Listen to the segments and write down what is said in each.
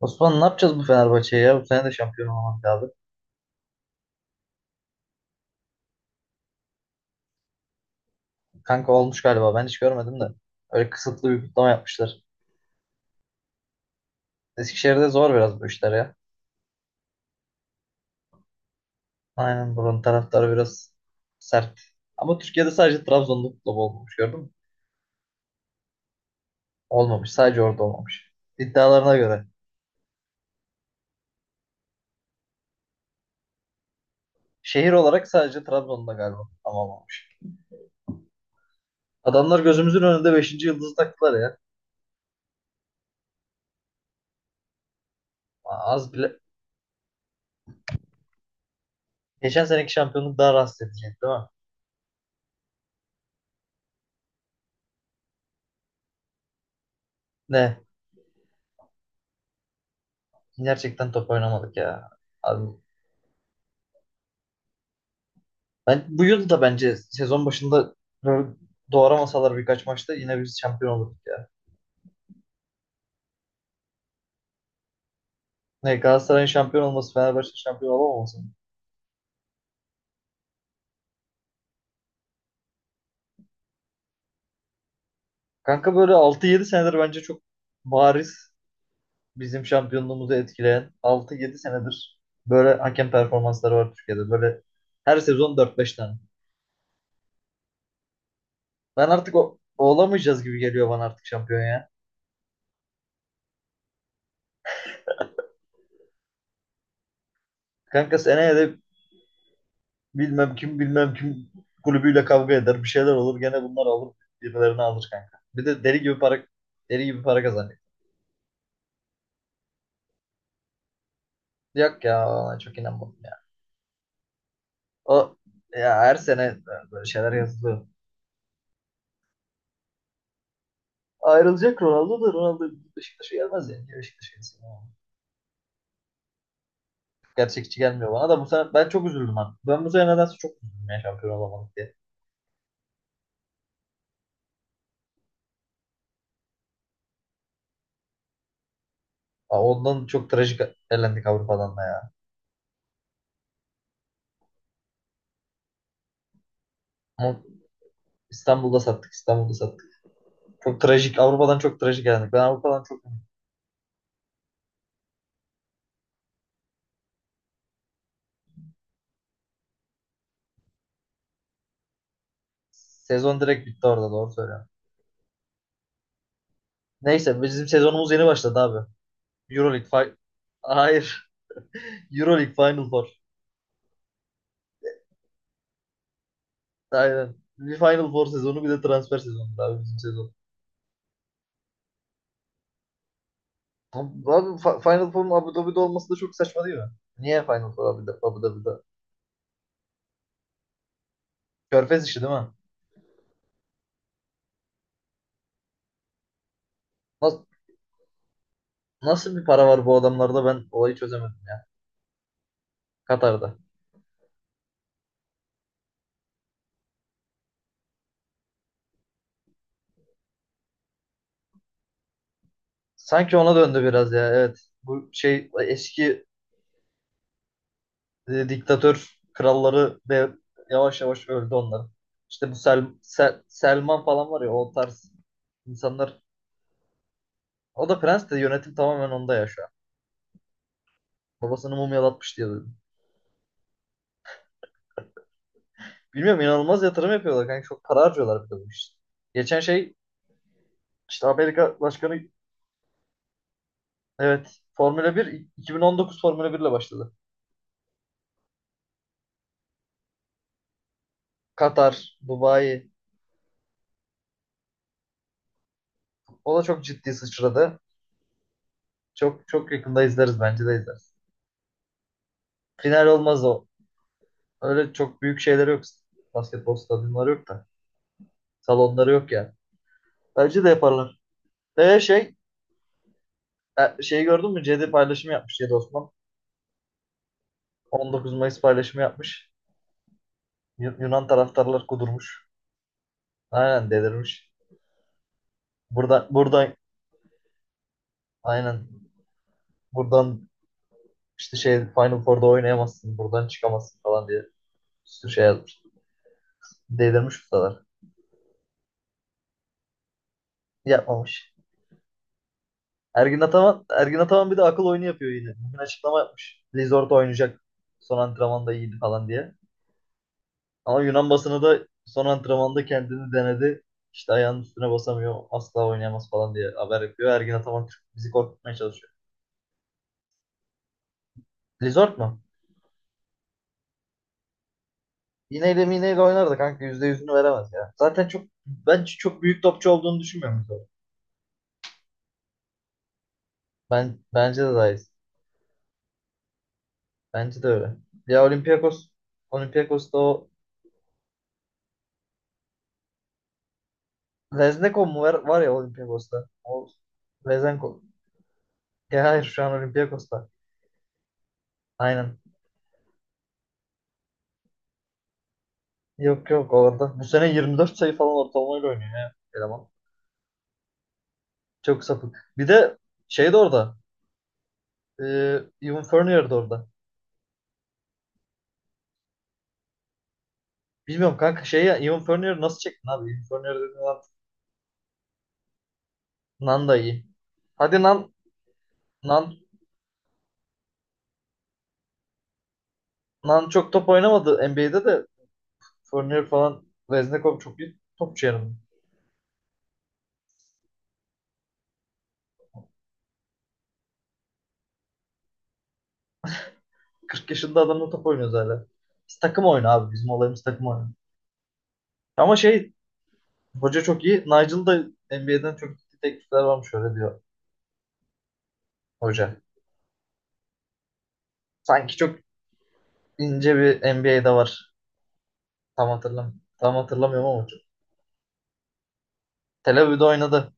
Osman, ne yapacağız bu Fenerbahçe'ye ya? Bu sene de şampiyon olmak lazım. Kanka, olmuş galiba. Ben hiç görmedim de. Öyle kısıtlı bir kutlama yapmışlar. Eskişehir'de zor biraz bu işler ya. Aynen, buranın taraftarı biraz sert. Ama Türkiye'de sadece Trabzon'da kutlama olmamış, gördün mü? Olmamış. Sadece orada olmamış. İddialarına göre. Şehir olarak sadece Trabzon'da galiba kutlama olmamış. Adamlar gözümüzün önünde beşinci yıldızı taktılar ya. Aa, az bile. Geçen seneki şampiyonluk daha rahatsız edecek değil mi? Ne? Gerçekten top oynamadık ya. Abi, ben bu yıl da bence sezon başında böyle doğramasalar birkaç maçta yine biz şampiyon olurduk ya. Ne Galatasaray'ın şampiyon olması, Fenerbahçe'nin şampiyon olamaması. Kanka, böyle 6-7 senedir bence çok bariz bizim şampiyonluğumuzu etkileyen 6-7 senedir böyle hakem performansları var Türkiye'de. Böyle her sezon 4-5 tane. Ben artık olamayacağız gibi geliyor bana artık şampiyon ya. Kanka, seneye de bilmem kim kulübüyle kavga eder. Bir şeyler olur. Gene bunlar alır. Birilerini alır kanka. Bir de deli gibi para kazanıyor. Yok ya, ona çok inanmadım ya. O ya, her sene böyle şeyler yazılıyor. Ayrılacak Ronaldo Beşiktaş'a gelmez yani. Niye Beşiktaş'a gelsin ya? Gerçekçi gelmiyor bana da. Bu sene ben çok üzüldüm ha. Ben bu sene nedense çok üzüldüm ya, şampiyon olamadık diye. Aa, ondan çok trajik elendik Avrupa'dan da ya. Ama İstanbul'da sattık, İstanbul'da sattık. Çok trajik, Avrupa'dan çok trajik elendik. Ben Avrupa'dan çok Sezon direkt bitti orada, doğru söylüyorum. Neyse, bizim sezonumuz yeni başladı abi. Euroleague fi- Hayır. Euroleague Final Four. Aynen. Bir Final Four sezonu, bir de transfer sezonu abi bizim sezon. Abi, Final Four'un Abu Dhabi'de olması da çok saçma değil mi? Niye Final Four Abu Dhabi'de? Körfez işi değil mi? Nasıl, nasıl bir para var bu adamlarda, ben olayı çözemedim ya. Katar'da. Sanki ona döndü biraz ya, evet. Bu şey, eski diktatör kralları de yavaş yavaş öldü onların. İşte bu Selman falan var ya, o tarz insanlar. O da prens, de yönetim tamamen onda ya şu an. Babasını mumyalatmış diye duydum. Bilmiyorum, inanılmaz yatırım yapıyorlar kanka. Çok para harcıyorlar bir de bu işte. Geçen şey, işte Amerika Başkanı, evet, Formula 1. 2019 Formula 1 ile başladı. Katar, Dubai, o da çok ciddi sıçradı. Çok çok yakında izleriz, bence de izleriz. Final olmaz o. Öyle çok büyük şeyleri yok. Basketbol stadyumları yok da. Salonları yok yani. Bence de yaparlar. Ve şey, şeyi gördün mü? Cedi paylaşımı yapmış, Cedi Osman. 19 Mayıs paylaşımı yapmış. Yunan taraftarlar kudurmuş. Aynen, delirmiş. Buradan aynen. Buradan işte şey, Final Four'da oynayamazsın. Buradan çıkamazsın falan diye bir sürü şey yazmış. Delirmiş ustalar. Yapmamış. Ergin Ataman bir de akıl oyunu yapıyor yine. Bugün açıklama yapmış. Lizort oynayacak. Son antrenmanda iyiydi falan diye. Ama Yunan basını da, son antrenmanda kendini denedi, İşte ayağının üstüne basamıyor, asla oynayamaz falan diye haber yapıyor. Ergin Ataman Türk, bizi korkutmaya çalışıyor. Lizort mu? İğneyle miğneyle oynardı kanka. Yüzde yüzünü veremez ya. Zaten çok, ben çok büyük topçu olduğunu düşünmüyorum Lizort. Bence de dahil. Bence de öyle. Ya Olympiakos'ta o Lezneko mu var, var ya Olympiakos'ta. O Lezenko. Ya hayır, şu an Olympiakos'ta. Aynen. Yok yok, orada. Bu sene 24 sayı falan ortalamayla oynuyor ya. Eleman. Çok sapık. Bir de şey de orada. E, Ewan Fournier de orada. Bilmiyorum kanka, şey ya, Ewan Fournier nasıl çektin abi? Ewan Fournier dediğin adam, Nan da iyi. Hadi Nan, Nan çok top oynamadı NBA'de de. Fournier falan, Veznikov çok iyi topçu yani. 40 yaşında adamla top oynuyoruz hala. Biz takım oyunu abi. Bizim olayımız takım oyunu. Ama şey, hoca çok iyi. Nigel da NBA'den çok iyi teklifler varmış öyle diyor hoca. Sanki çok ince bir NBA'de var. Tam hatırlamıyorum ama Tel Aviv'de oynadı.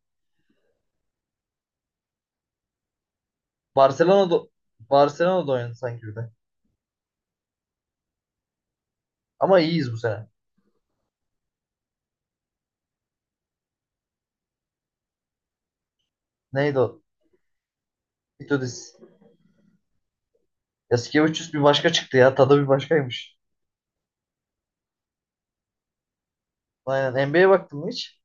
Barcelona'da Barcelona'da oynadı sanki bir de. Ama iyiyiz bu sene. Neydi o? Itudis. Yasikevicius bir başka çıktı ya. Tadı bir başkaymış. Aynen. NBA'ye baktın mı hiç?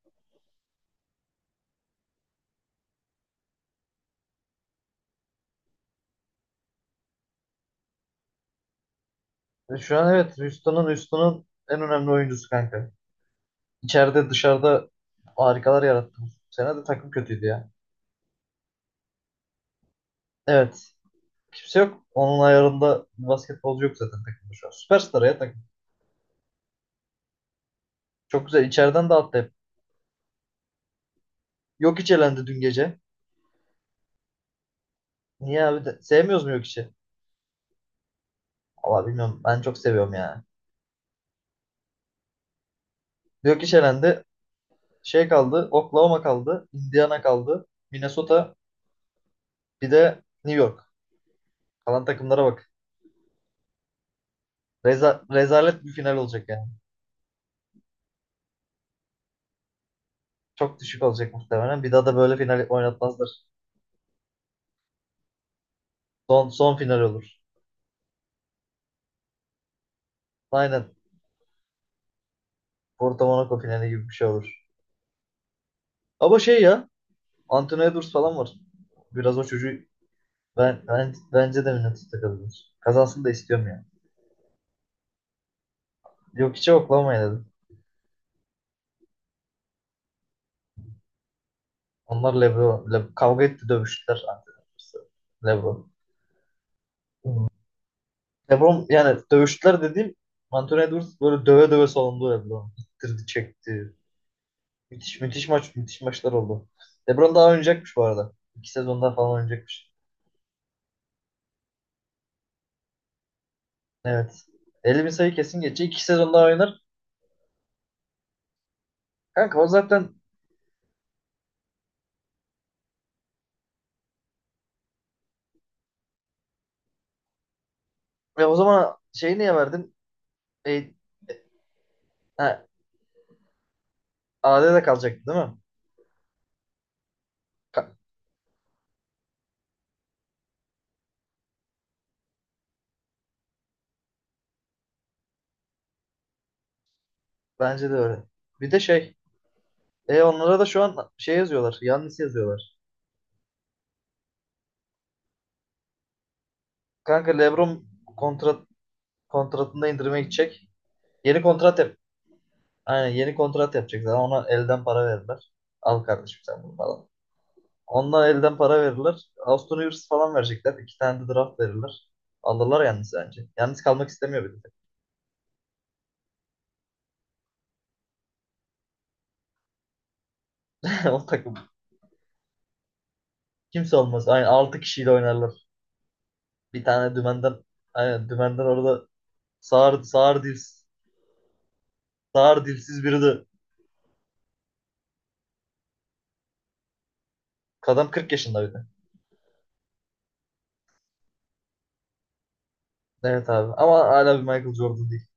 Şu an evet. Houston'ın en önemli oyuncusu kanka. İçeride, dışarıda harikalar yarattı. Bu sene de takım kötüydü ya. Evet. Kimse yok. Onun ayarında basketbolcu yok zaten takımda şu an. Süperstar ya takım. Çok güzel. İçeriden dağıttı hep. Yok, hiç elendi dün gece. Niye abi? De, sevmiyoruz mu yok içi? Valla bilmiyorum. Ben çok seviyorum ya. Yok iş, elendi. Şey kaldı. Oklahoma kaldı. Indiana kaldı. Minnesota. Bir de New York. Kalan takımlara bak. Rezalet bir final olacak yani. Çok düşük olacak muhtemelen. Bir daha da böyle final oynatmazlar. Son final olur. Aynen. Porto Monaco finali gibi bir şey olur. Ama şey ya, Anthony Edwards falan var. Biraz o çocuğu bence de Minnesota kazanır. Kazansın da istiyorum yani. Yok hiç, Oklahoma'ya dedim. Onlar LeBron. Kavga etti, dövüştüler. Anthony Edwards'la LeBron. LeBron, yani dövüştüler dediğim, Anthony Edwards böyle döve döve salındı LeBron. İttirdi, çekti. Müthiş, müthiş maç, müthiş maçlar oldu. LeBron daha oynayacakmış bu arada. 2 sezon daha falan oynayacakmış. Evet. 50 bin sayı kesin geçecek. 2 sezon daha oynar. Kanka o zaten, ya o zaman şeyi niye verdin? E, ha, AD'de kalacaktı değil mi? Ka- Bence de öyle. Bir de şey, onlara da şu an şey yazıyorlar. Yannis yazıyorlar. Kanka, LeBron kontrat kontratında indirime gidecek. Yeni kontrat Aynen, yeni kontrat yapacaklar. Ona elden para verirler. Al kardeşim sen bunu falan. Ondan elden para verirler. Austin Rivers falan verecekler. İki tane de draft verirler. Alırlar yalnız bence. Yalnız kalmak istemiyor bir de. O takım. Kimse olmaz. Aynen, 6 kişiyle oynarlar. Bir tane dümenden orada, sağır, sağır, dils, sağır dilsiz biri de. Adam 40 yaşında bir de. Evet abi. Ama hala bir Michael Jordan değil.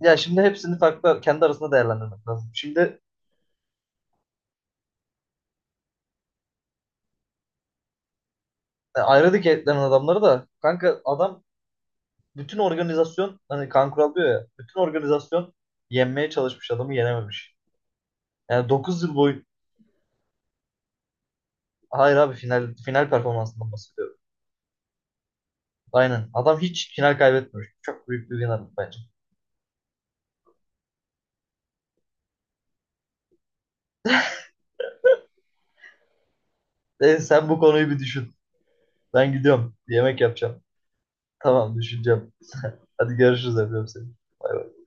Ya şimdi, hepsini farklı kendi arasında değerlendirmek lazım. Şimdi ayrı etlerin adamları da kanka, adam, bütün organizasyon, hani kan kural diyor ya, bütün organizasyon yenmeye çalışmış, adamı yenememiş. Yani 9 yıl boyu, hayır abi, final performansından bahsediyorum. Aynen. Adam hiç final kaybetmemiş. Çok büyük bir winner bence. Sen bu konuyu bir düşün. Ben gidiyorum, bir yemek yapacağım. Tamam, düşüneceğim. Hadi görüşürüz. Öpüyorum seni. Bay bay.